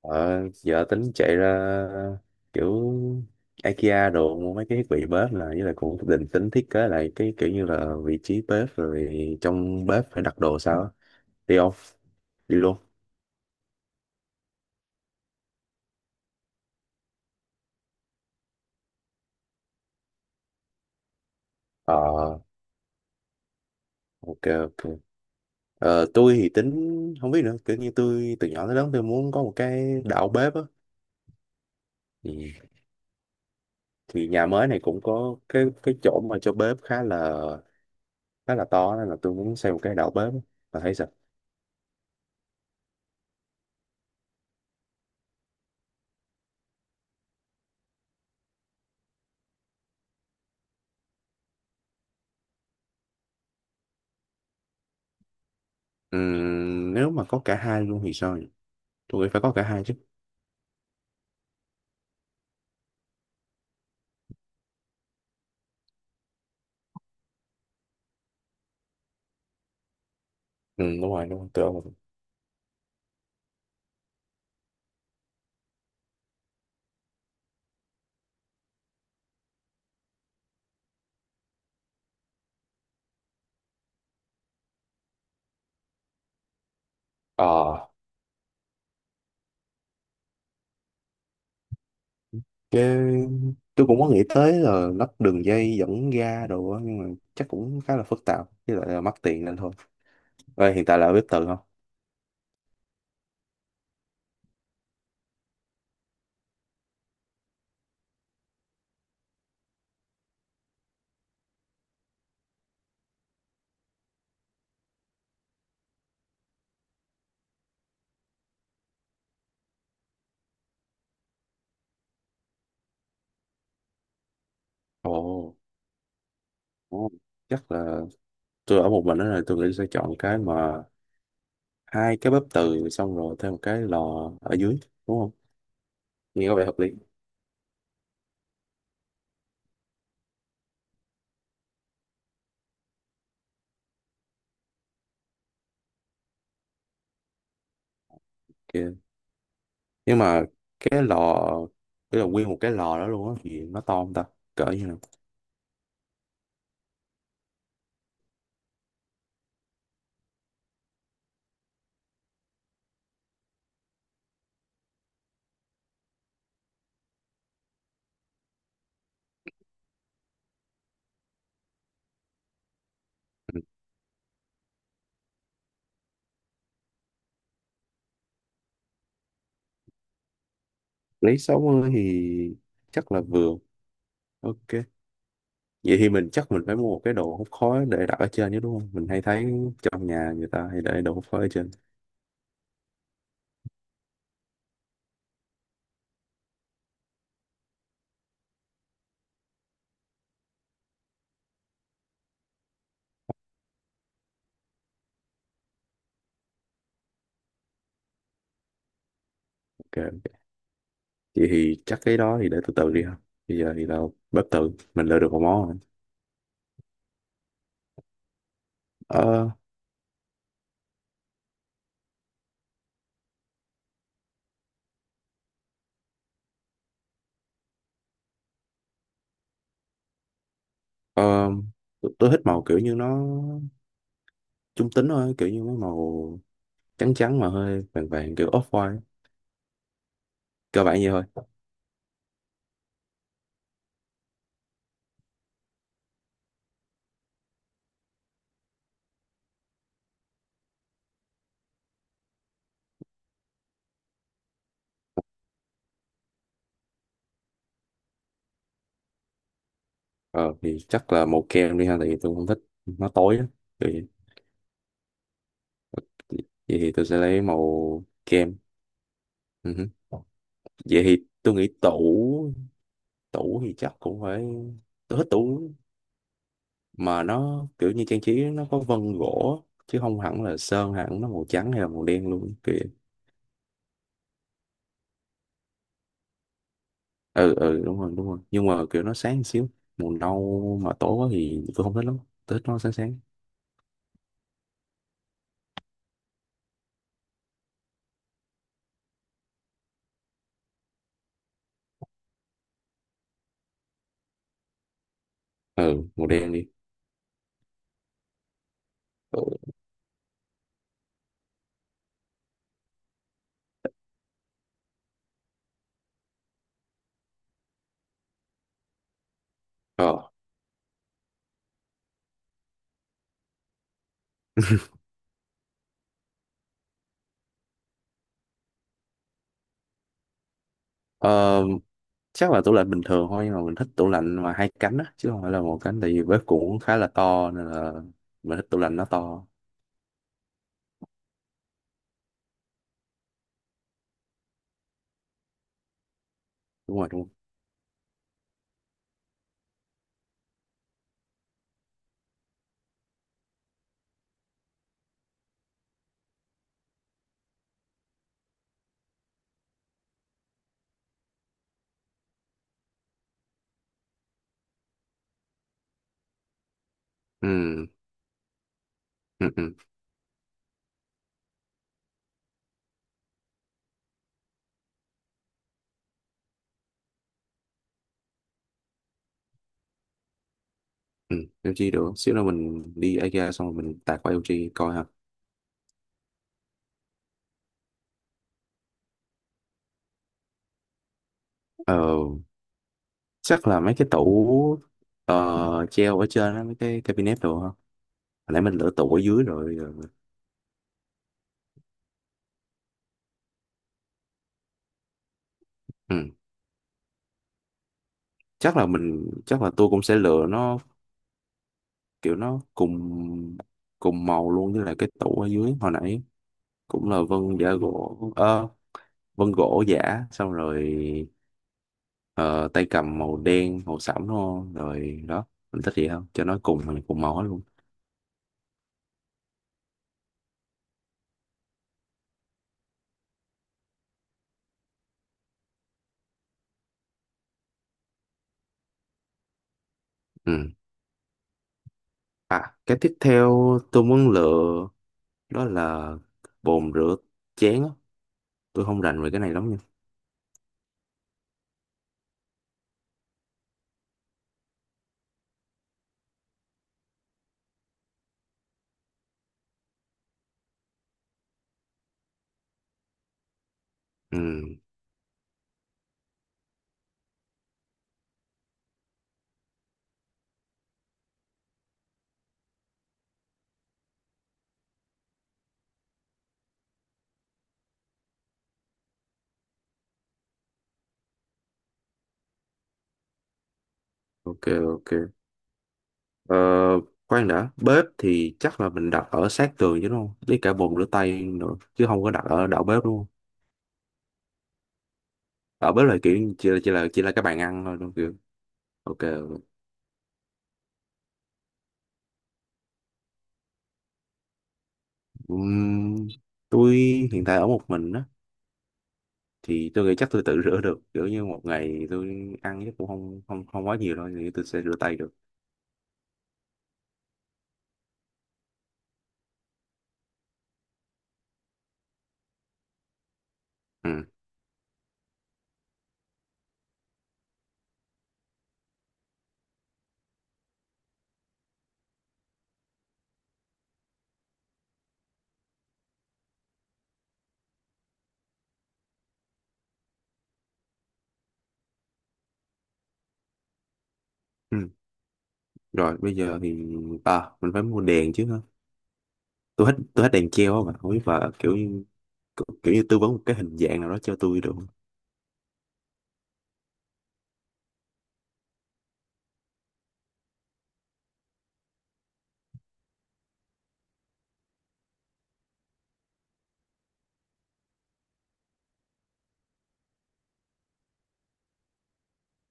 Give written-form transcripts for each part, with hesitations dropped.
Ờ, giờ tính chạy ra kiểu IKEA đồ mua mấy cái thiết bị bếp, là với lại cũng định tính thiết kế lại cái kiểu như là vị trí bếp rồi trong bếp phải đặt đồ sao á. Đi không? Đi luôn. ờ ok ok. Tôi thì tính không biết nữa, kiểu như tôi từ nhỏ tới lớn tôi muốn có một cái đảo bếp á thì, thì nhà mới này cũng có cái chỗ mà cho bếp khá là to, nên là tôi muốn xây một cái đảo bếp á. Bà thấy sao? Nếu mà có cả hai luôn thì sao? Tôi nghĩ phải có cả hai chứ. Ừ, đúng rồi đúng rồi, tôi ông. ờ cái tôi cũng có nghĩ tới là lắp đường dây dẫn ga đồ á, nhưng mà chắc cũng khá là phức tạp với lại là mắc tiền nên thôi. Ê, hiện tại là ở bếp từ không? Ồ. ồ, Chắc là tôi ở một mình đó, là tôi nghĩ sẽ chọn cái mà hai cái bếp từ xong rồi thêm một cái lò ở dưới, đúng không? Nghe có vẻ hợp lý. Kìa, nhưng mà cái lò, cái là nguyên một cái lò đó luôn á thì nó to không ta? Cỡ như nào? Ừ. Lấy 60 thì chắc là vừa. Ok. Vậy thì mình chắc mình phải mua một cái đồ hút khói để đặt ở trên chứ đúng không? Mình hay thấy trong nhà người ta hay để đồ hút khói ở trên. Ok, ok. Vậy thì chắc cái đó thì để từ từ đi ha. Bây giờ thì tao bếp tự mình lựa được một món rồi. Ờ. ờ, tôi thích màu kiểu như nó trung tính thôi, kiểu như mấy màu trắng trắng mà hơi vàng vàng, kiểu off-white. Cơ bản vậy thôi. Ờ thì chắc là màu kem đi ha, tại vì tôi không thích nó tối á. Vậy, vậy thì tôi sẽ lấy màu kem. Ừ hứ. Vậy thì tôi nghĩ tủ tủ thì chắc cũng phải. Tôi thích tủ mà nó kiểu như trang trí nó có vân gỗ, chứ không hẳn là sơn hẳn nó màu trắng hay là màu đen luôn kìa. Ừ ừ, đúng rồi đúng rồi, nhưng mà kiểu nó sáng một xíu. Màu nâu mà tối quá thì tôi không thích lắm, tôi thích nó sáng sáng. Ừ, màu đen đi. Ừ. ờ ờ, Chắc là tủ lạnh bình thường thôi, nhưng mà mình thích tủ lạnh mà hai cánh á, chứ không phải là một cánh, tại vì bếp cũng khá là to nên là mình thích tủ lạnh nó to. Đúng rồi đúng rồi. Ừ ừ ừ. Ừ, LG được, xíu nữa mình đi IKEA xong rồi mình tạt qua LG coi ha. ờ Chắc là mấy cái tủ treo ở trên á, mấy cái cabinet đồ ha, hồi nãy mình lựa tủ ở dưới rồi rồi. Ừ. Chắc là tôi cũng sẽ lựa nó kiểu nó cùng cùng màu luôn với lại cái tủ ở dưới hồi nãy, cũng là vân giả gỗ. Ờ, Vân gỗ giả, xong rồi ờ, tay cầm màu đen màu sẫm, đúng không rồi đó. Mình thích gì không, cho nó cùng cùng màu hết luôn. Ừ. À, cái tiếp theo tôi muốn lựa đó là bồn rửa chén á. Tôi không rành về cái này lắm nha. Ừ, ok, ok. Ờ, khoan đã, bếp thì chắc là mình đặt ở sát tường chứ đúng không? Với cả bồn rửa tay nữa, chứ không có đặt ở đầu bếp đúng không? Ở bếp là kiểu chỉ là cái bàn ăn thôi đúng không? Kiểu. Ok, ok. Ừm, tôi hiện tại ở một mình á, thì tôi nghĩ chắc tôi tự rửa được. Kiểu như một ngày tôi ăn chắc cũng không không không quá nhiều đâu, thì tôi sẽ rửa tay được. Ừ. Ừ. Rồi bây giờ thì à, mình phải mua đèn chứ hả? Tôi hết đèn treo á, mà không biết và kiểu như kiểu như tư vấn một cái hình dạng nào đó cho tôi được không?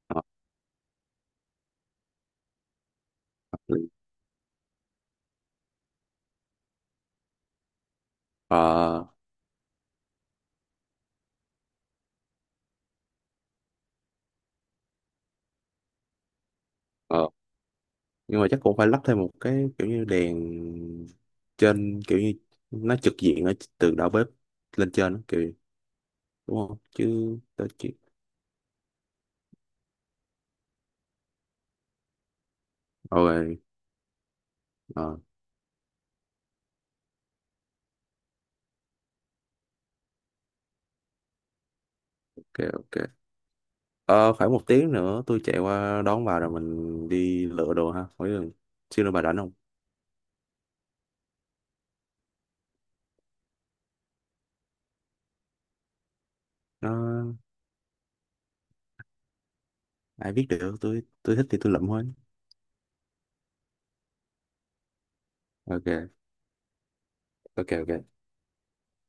Ờ. Ờ. Ờ. Nhưng mà chắc cũng phải lắp thêm một cái kiểu như đèn trên, kiểu như nó trực diện ở từ đầu bếp lên trên đó, kiểu, đúng không? Chứ tôi chỉ. Rồi. ờ, ok ok. Ờ, khoảng 1 tiếng nữa tôi chạy qua đón bà rồi mình đi lựa đồ ha. Hỏi xin bà rảnh không? Nó, ai biết được, tôi thích thì tôi lụm thôi. Ok ok ok.